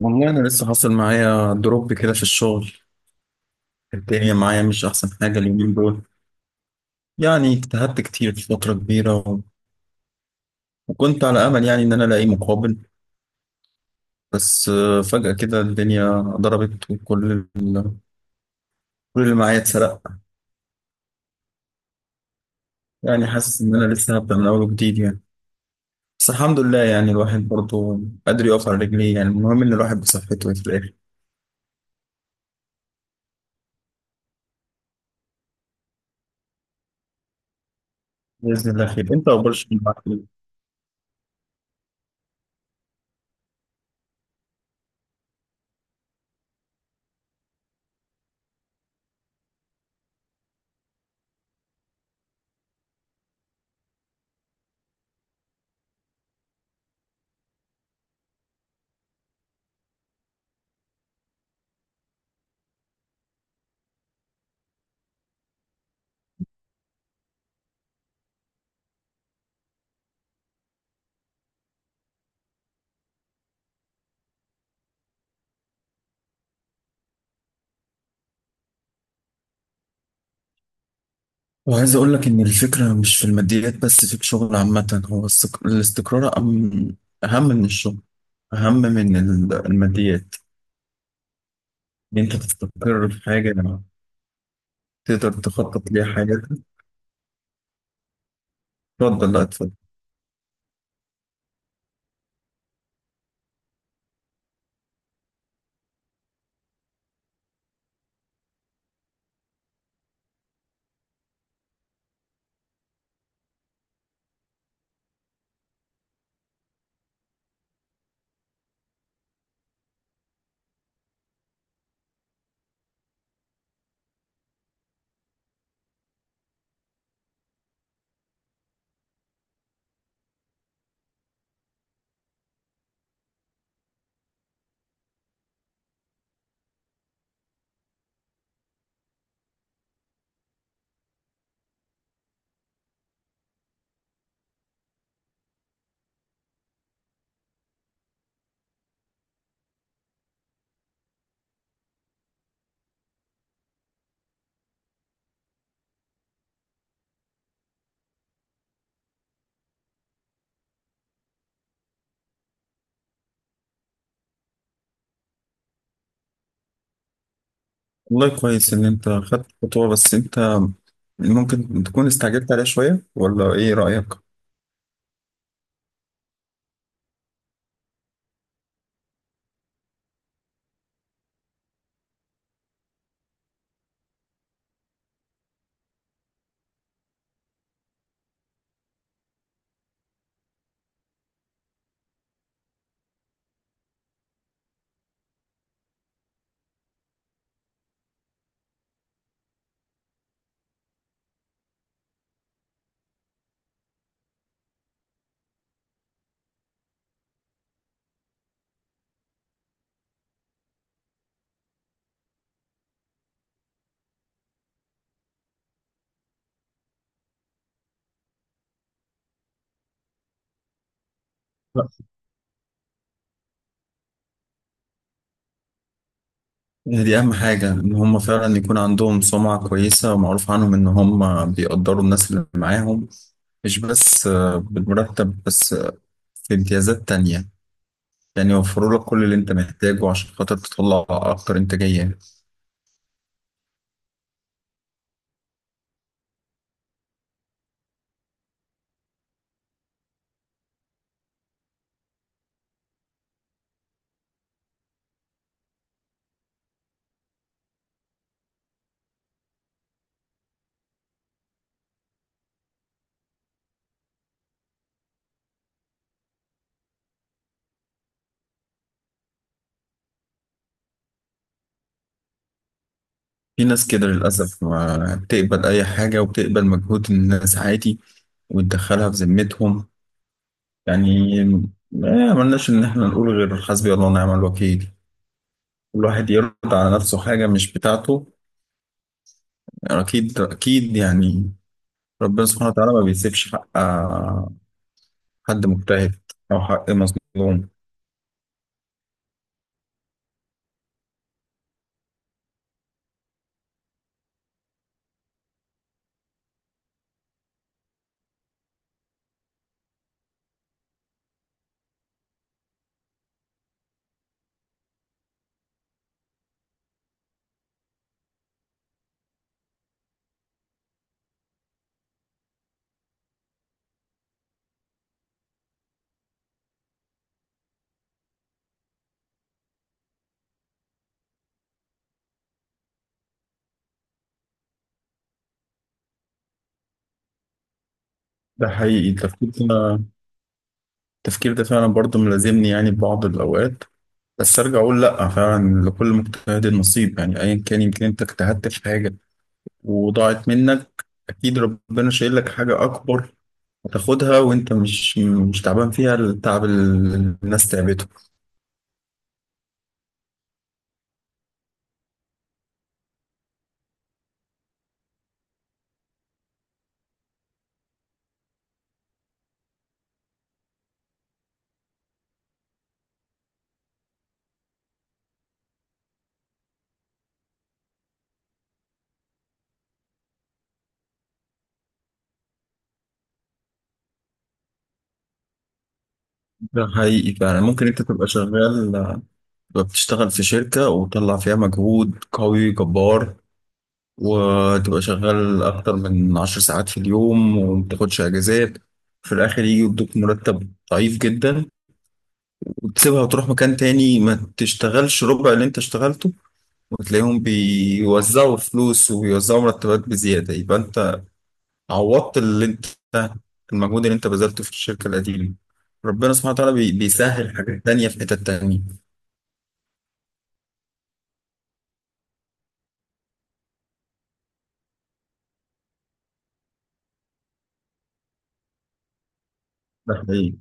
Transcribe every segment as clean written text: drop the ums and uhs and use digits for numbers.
والله أنا لسه حاصل معايا دروب كده في الشغل. الدنيا معايا مش أحسن حاجة اليومين دول. يعني اجتهدت كتير فترة كبيرة وكنت على أمل، يعني إن أنا ألاقي مقابل. بس فجأة كده الدنيا ضربت، كل اللي معايا اتسرق. يعني حاسس إن أنا لسه هبدأ من أول وجديد يعني. بس الحمد لله، يعني الواحد برضه قادر يقف على رجليه. يعني المهم إن الواحد بصحته في الآخر. بإذن الله خير. أنت أخبار الشغل معاك إيه؟ وعايز أقول لك إن الفكرة مش في الماديات بس، في الشغل عامة هو الاستقرار أهم من الشغل، أهم من الماديات، إن أنت تستقر في حاجة تقدر تخطط ليها حاجاتك. اتفضل، لا اتفضل. والله كويس إن أنت خدت خطوة، بس أنت ممكن تكون استعجلت عليها شوية، ولا إيه رأيك؟ لا. دي أهم حاجة إن هم فعلا يكون عندهم سمعة كويسة ومعروف عنهم إن هم بيقدروا الناس اللي معاهم، مش بس بالمرتب بس، في امتيازات تانية. يعني يوفروا لك كل اللي انت محتاجه عشان خاطر تطلع اكتر انتاجية. في ناس كده للأسف ما بتقبل اي حاجة وبتقبل مجهود الناس عادي، وتدخلها في ذمتهم. يعني ما عملناش ان احنا نقول غير حسبي الله ونعم الوكيل. كل واحد يرد على نفسه حاجة مش بتاعته، يعني اكيد اكيد، يعني ربنا سبحانه وتعالى ما بيسيبش حق حد مجتهد او حق مظلوم. ده حقيقي التفكير ده، التفكير ده فعلا برضه ملازمني يعني في بعض الأوقات، بس ارجع اقول لا، فعلا لكل مجتهد نصيب. يعني ايا كان يمكن انت اجتهدت في حاجه وضاعت منك، اكيد ربنا شايل لك حاجه اكبر، هتاخدها وانت مش تعبان فيها التعب اللي الناس تعبته. ده حقيقي. فعلا ممكن انت تبقى شغال، تبقى بتشتغل في شركه وتطلع فيها مجهود قوي جبار، وتبقى شغال اكتر من عشر ساعات في اليوم ومتاخدش اجازات، في الاخر يجي يدوك مرتب ضعيف جدا. وتسيبها وتروح مكان تاني ما تشتغلش ربع اللي انت اشتغلته، وتلاقيهم بيوزعوا فلوس وبيوزعوا مرتبات بزيادة. يبقى انت عوضت اللي انت، المجهود اللي انت بذلته في الشركة القديمة. ربنا سبحانه وتعالى بيسهل حاجات تانية في حتت تانية. ده حقيقي.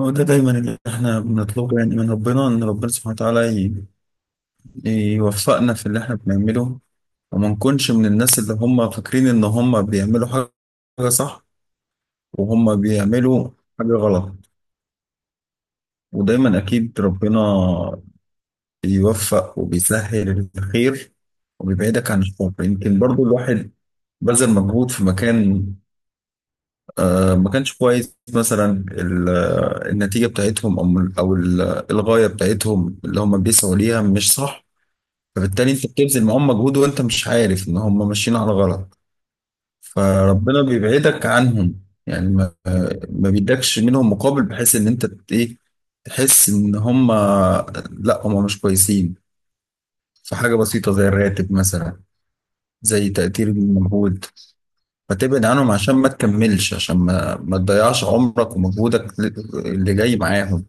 هو ده دايما اللي احنا بنطلبه، يعني من ربنا ان ربنا سبحانه وتعالى يوفقنا في اللي احنا بنعمله، وما نكونش من الناس اللي هم فاكرين ان هم بيعملوا حاجة صح وهم بيعملوا حاجة غلط. ودايما أكيد ربنا بيوفق وبيسهل الخير وبيبعدك عن الشر. يمكن برضو الواحد بذل مجهود في مكان ما كانش كويس مثلا، النتيجة بتاعتهم، أو الغاية بتاعتهم اللي هم بيسعوا ليها مش صح، فبالتالي أنت بتبذل معاهم مجهود وأنت مش عارف إن هم ماشيين على غلط. فربنا بيبعدك عنهم. يعني ما بيدكش منهم مقابل، بحيث ان انت ت- ايه تحس ان هم لا، هم مش كويسين في حاجة بسيطة زي الراتب مثلا، زي تقدير المجهود. فتبعد عنهم عشان ما تكملش، عشان ما تضيعش عمرك ومجهودك اللي جاي معاهم.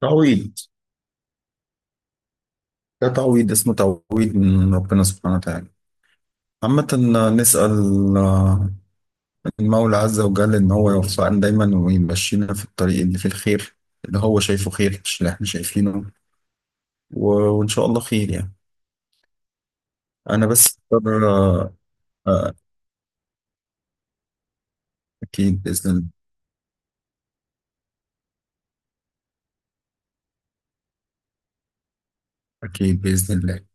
تعويض، ده تعويض، اسمه تعويض من ربنا سبحانه وتعالى. عامة نسأل المولى عز وجل إن هو يوفقنا دايما ويمشينا في الطريق اللي فيه الخير، اللي هو شايفه خير مش اللي احنا شايفينه. وإن شاء الله خير يعني. أنا بس أقدر آه، أكيد بإذن الله. أكيد بإذن الله